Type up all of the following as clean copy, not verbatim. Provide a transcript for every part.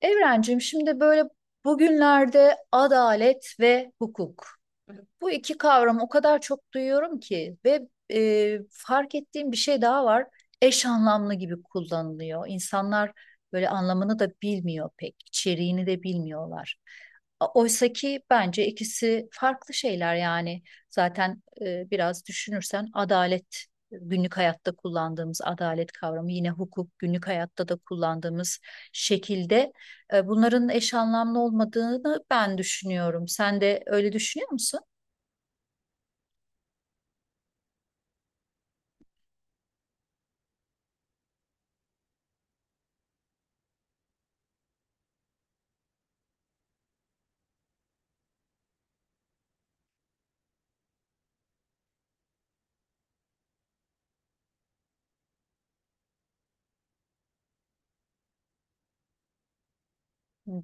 Evrencim şimdi böyle bugünlerde adalet ve hukuk. Bu iki kavramı o kadar çok duyuyorum ki ve fark ettiğim bir şey daha var. Eş anlamlı gibi kullanılıyor. İnsanlar böyle anlamını da bilmiyor pek, içeriğini de bilmiyorlar. Oysa ki bence ikisi farklı şeyler yani. Zaten biraz düşünürsen adalet günlük hayatta kullandığımız adalet kavramı yine hukuk günlük hayatta da kullandığımız şekilde bunların eş anlamlı olmadığını ben düşünüyorum. Sen de öyle düşünüyor musun?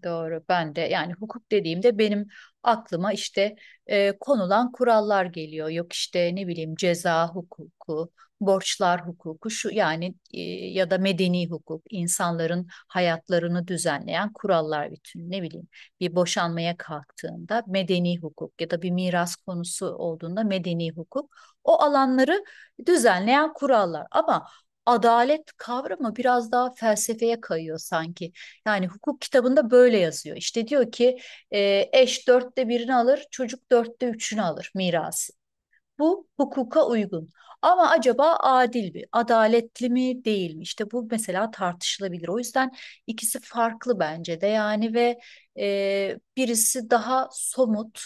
Doğru. Ben de yani hukuk dediğimde benim aklıma işte konulan kurallar geliyor. Yok işte ne bileyim ceza hukuku, borçlar hukuku şu yani, ya da medeni hukuk, insanların hayatlarını düzenleyen kurallar bütün. Ne bileyim bir boşanmaya kalktığında medeni hukuk ya da bir miras konusu olduğunda medeni hukuk. O alanları düzenleyen kurallar. Ama adalet kavramı biraz daha felsefeye kayıyor sanki. Yani hukuk kitabında böyle yazıyor. İşte diyor ki eş dörtte birini alır, çocuk dörtte üçünü alır mirası. Bu hukuka uygun. Ama acaba adil mi, adaletli mi, değil mi? İşte bu mesela tartışılabilir. O yüzden ikisi farklı bence de yani ve birisi daha somut,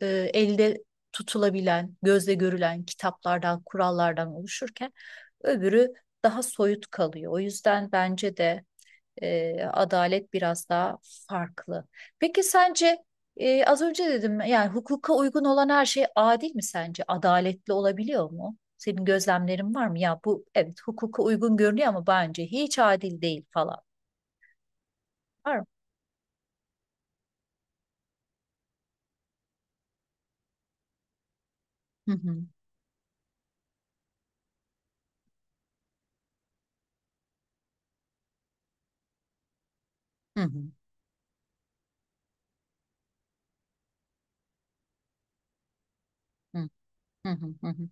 e, elde tutulabilen, gözle görülen kitaplardan, kurallardan oluşurken öbürü daha soyut kalıyor. O yüzden bence de adalet biraz daha farklı. Peki sence az önce dedim yani hukuka uygun olan her şey adil mi sence? Adaletli olabiliyor mu? Senin gözlemlerin var mı? Ya bu evet hukuka uygun görünüyor ama bence hiç adil değil falan. Var mı? Hı hı. Hı hı. Hı hı. Hı hı.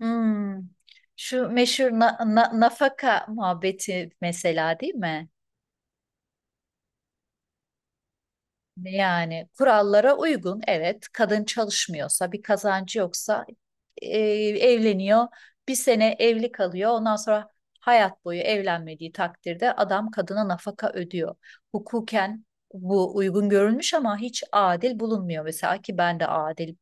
Hmm. Şu meşhur nafaka muhabbeti mesela değil mi? Yani kurallara uygun evet kadın çalışmıyorsa bir kazancı yoksa evleniyor bir sene evli kalıyor ondan sonra hayat boyu evlenmediği takdirde adam kadına nafaka ödüyor. Hukuken bu uygun görülmüş ama hiç adil bulunmuyor mesela ki ben de adil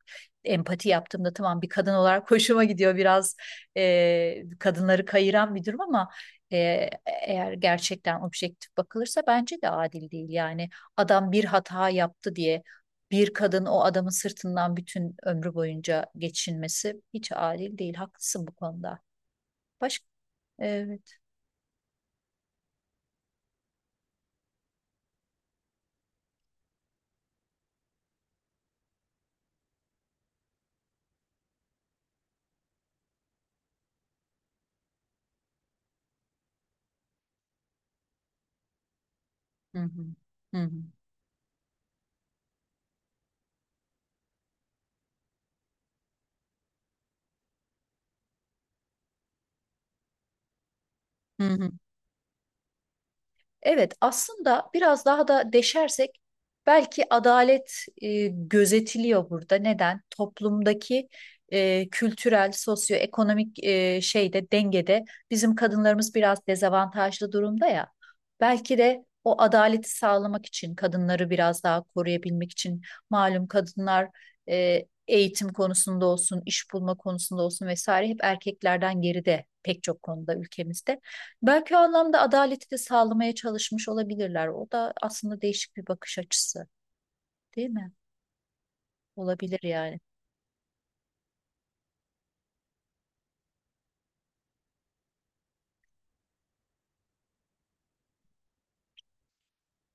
empati yaptığımda tamam bir kadın olarak hoşuma gidiyor biraz kadınları kayıran bir durum ama e, eğer gerçekten objektif bakılırsa bence de adil değil yani adam bir hata yaptı diye bir kadın o adamın sırtından bütün ömrü boyunca geçinmesi hiç adil değil. Haklısın bu konuda. Başka? Evet. Hı hı. Hı hı. Hı hı. Evet, aslında biraz daha da deşersek belki adalet gözetiliyor burada. Neden? Toplumdaki kültürel, sosyoekonomik şeyde dengede bizim kadınlarımız biraz dezavantajlı durumda ya. Belki de o adaleti sağlamak için kadınları biraz daha koruyabilmek için malum kadınlar eğitim konusunda olsun, iş bulma konusunda olsun vesaire hep erkeklerden geride pek çok konuda ülkemizde. Belki o anlamda adaleti de sağlamaya çalışmış olabilirler. O da aslında değişik bir bakış açısı, değil mi? Olabilir yani.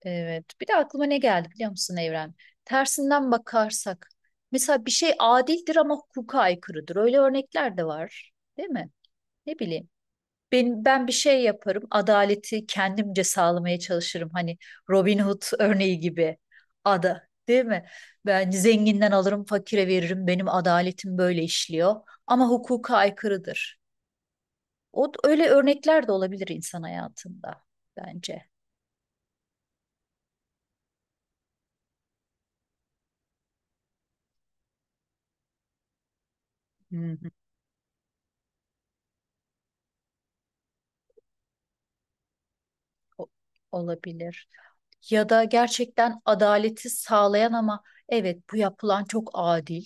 Evet. Bir de aklıma ne geldi biliyor musun Evren? Tersinden bakarsak. Mesela bir şey adildir ama hukuka aykırıdır. Öyle örnekler de var, değil mi? Ne bileyim. Benim, ben bir şey yaparım. Adaleti kendimce sağlamaya çalışırım. Hani Robin Hood örneği gibi. Ada, değil mi? Ben zenginden alırım, fakire veririm. Benim adaletim böyle işliyor. Ama hukuka aykırıdır. O öyle örnekler de olabilir insan hayatında bence. Hı hı. O- olabilir. Ya da gerçekten adaleti sağlayan ama evet bu yapılan çok adil.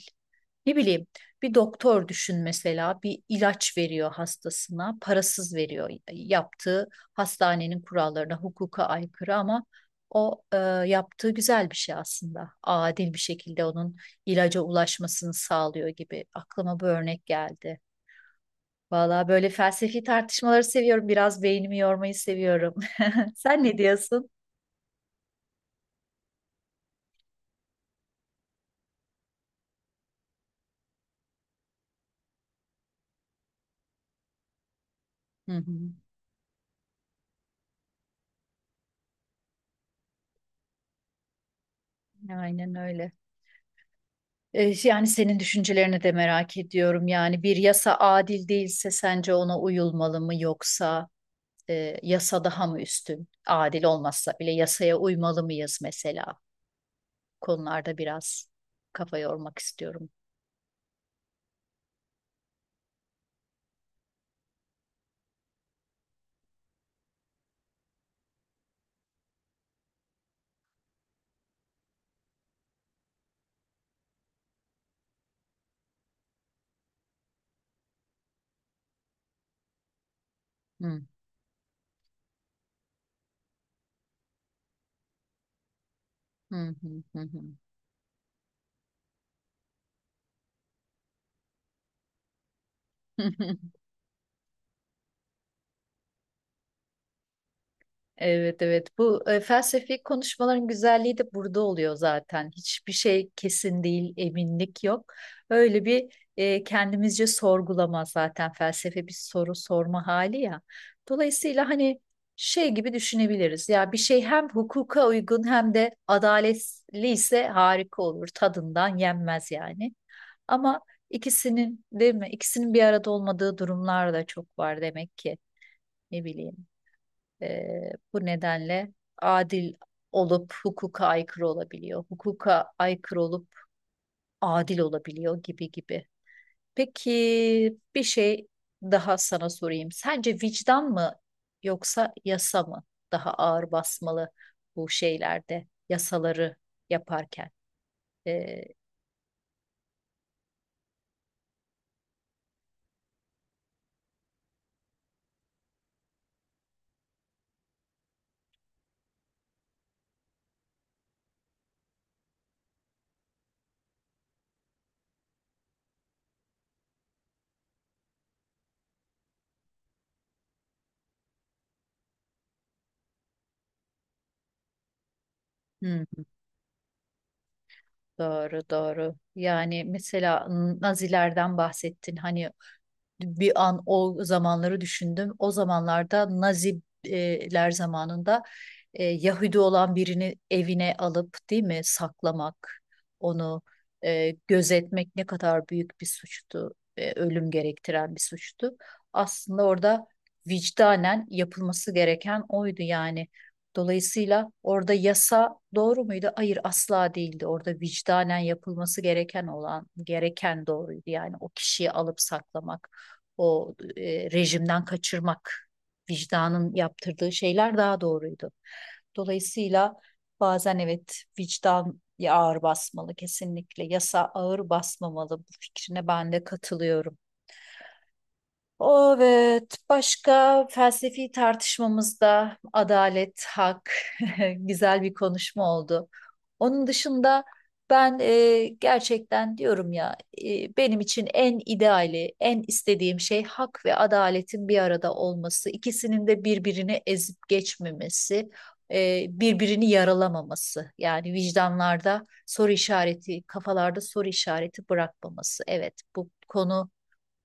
Ne bileyim bir doktor düşün mesela bir ilaç veriyor hastasına parasız veriyor yaptığı hastanenin kurallarına hukuka aykırı ama o yaptığı güzel bir şey aslında adil bir şekilde onun ilaca ulaşmasını sağlıyor gibi aklıma bu örnek geldi. Valla böyle felsefi tartışmaları seviyorum biraz beynimi yormayı seviyorum. Sen ne diyorsun? Hı hı. Aynen öyle. Yani senin düşüncelerini de merak ediyorum. Yani bir yasa adil değilse sence ona uyulmalı mı yoksa yasa daha mı üstün? Adil olmazsa bile yasaya uymalı mıyız mesela? Konularda biraz kafa yormak istiyorum. Hı, hı, hı, hı, hı. Evet evet bu felsefi konuşmaların güzelliği de burada oluyor zaten. Hiçbir şey kesin değil, eminlik yok. Öyle bir kendimizce sorgulama zaten felsefe bir soru sorma hali ya. Dolayısıyla hani şey gibi düşünebiliriz. Ya bir şey hem hukuka uygun hem de adaletli ise harika olur. Tadından yenmez yani. Ama ikisinin değil mi? İkisinin bir arada olmadığı durumlar da çok var demek ki. Ne bileyim. Bu nedenle adil olup hukuka aykırı olabiliyor. Hukuka aykırı olup adil olabiliyor gibi gibi. Peki bir şey daha sana sorayım. Sence vicdan mı yoksa yasa mı daha ağır basmalı bu şeylerde yasaları yaparken? Eee, hmm, doğru doğru. Yani mesela Nazilerden bahsettin. Hani bir an o zamanları düşündüm. O zamanlarda Naziler zamanında Yahudi olan birini evine alıp değil mi saklamak, onu gözetmek ne kadar büyük bir suçtu, ölüm gerektiren bir suçtu. Aslında orada vicdanen yapılması gereken oydu yani. Dolayısıyla orada yasa doğru muydu? Hayır asla değildi. Orada vicdanen yapılması gereken olan gereken doğruydu. Yani o kişiyi alıp saklamak o rejimden kaçırmak, vicdanın yaptırdığı şeyler daha doğruydu. Dolayısıyla bazen evet vicdan ağır basmalı kesinlikle. Yasa ağır basmamalı. Bu fikrine ben de katılıyorum. Evet, başka felsefi tartışmamızda adalet, hak, güzel bir konuşma oldu. Onun dışında ben gerçekten diyorum ya, benim için en ideali, en istediğim şey hak ve adaletin bir arada olması, ikisinin de birbirini ezip geçmemesi, birbirini yaralamaması. Yani vicdanlarda soru işareti, kafalarda soru işareti bırakmaması. Evet, bu konu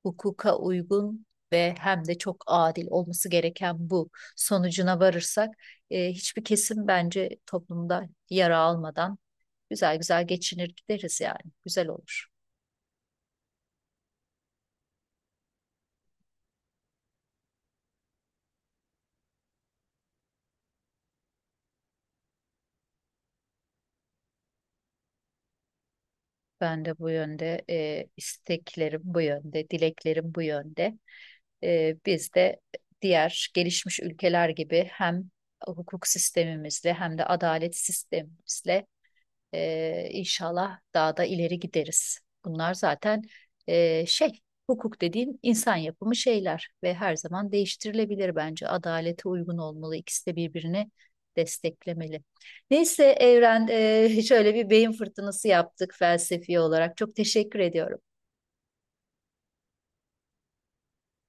hukuka uygun ve hem de çok adil olması gereken bu sonucuna varırsak hiçbir kesim bence toplumda yara almadan güzel güzel geçinir gideriz yani. Güzel olur. Ben de bu yönde isteklerim bu yönde, dileklerim bu yönde. Biz de diğer gelişmiş ülkeler gibi hem hukuk sistemimizle hem de adalet sistemimizle inşallah daha da ileri gideriz. Bunlar zaten e, şey, hukuk dediğin insan yapımı şeyler ve her zaman değiştirilebilir bence. Adalete uygun olmalı. İkisi de birbirini desteklemeli. Neyse Evren, şöyle bir beyin fırtınası yaptık felsefi olarak. Çok teşekkür ediyorum.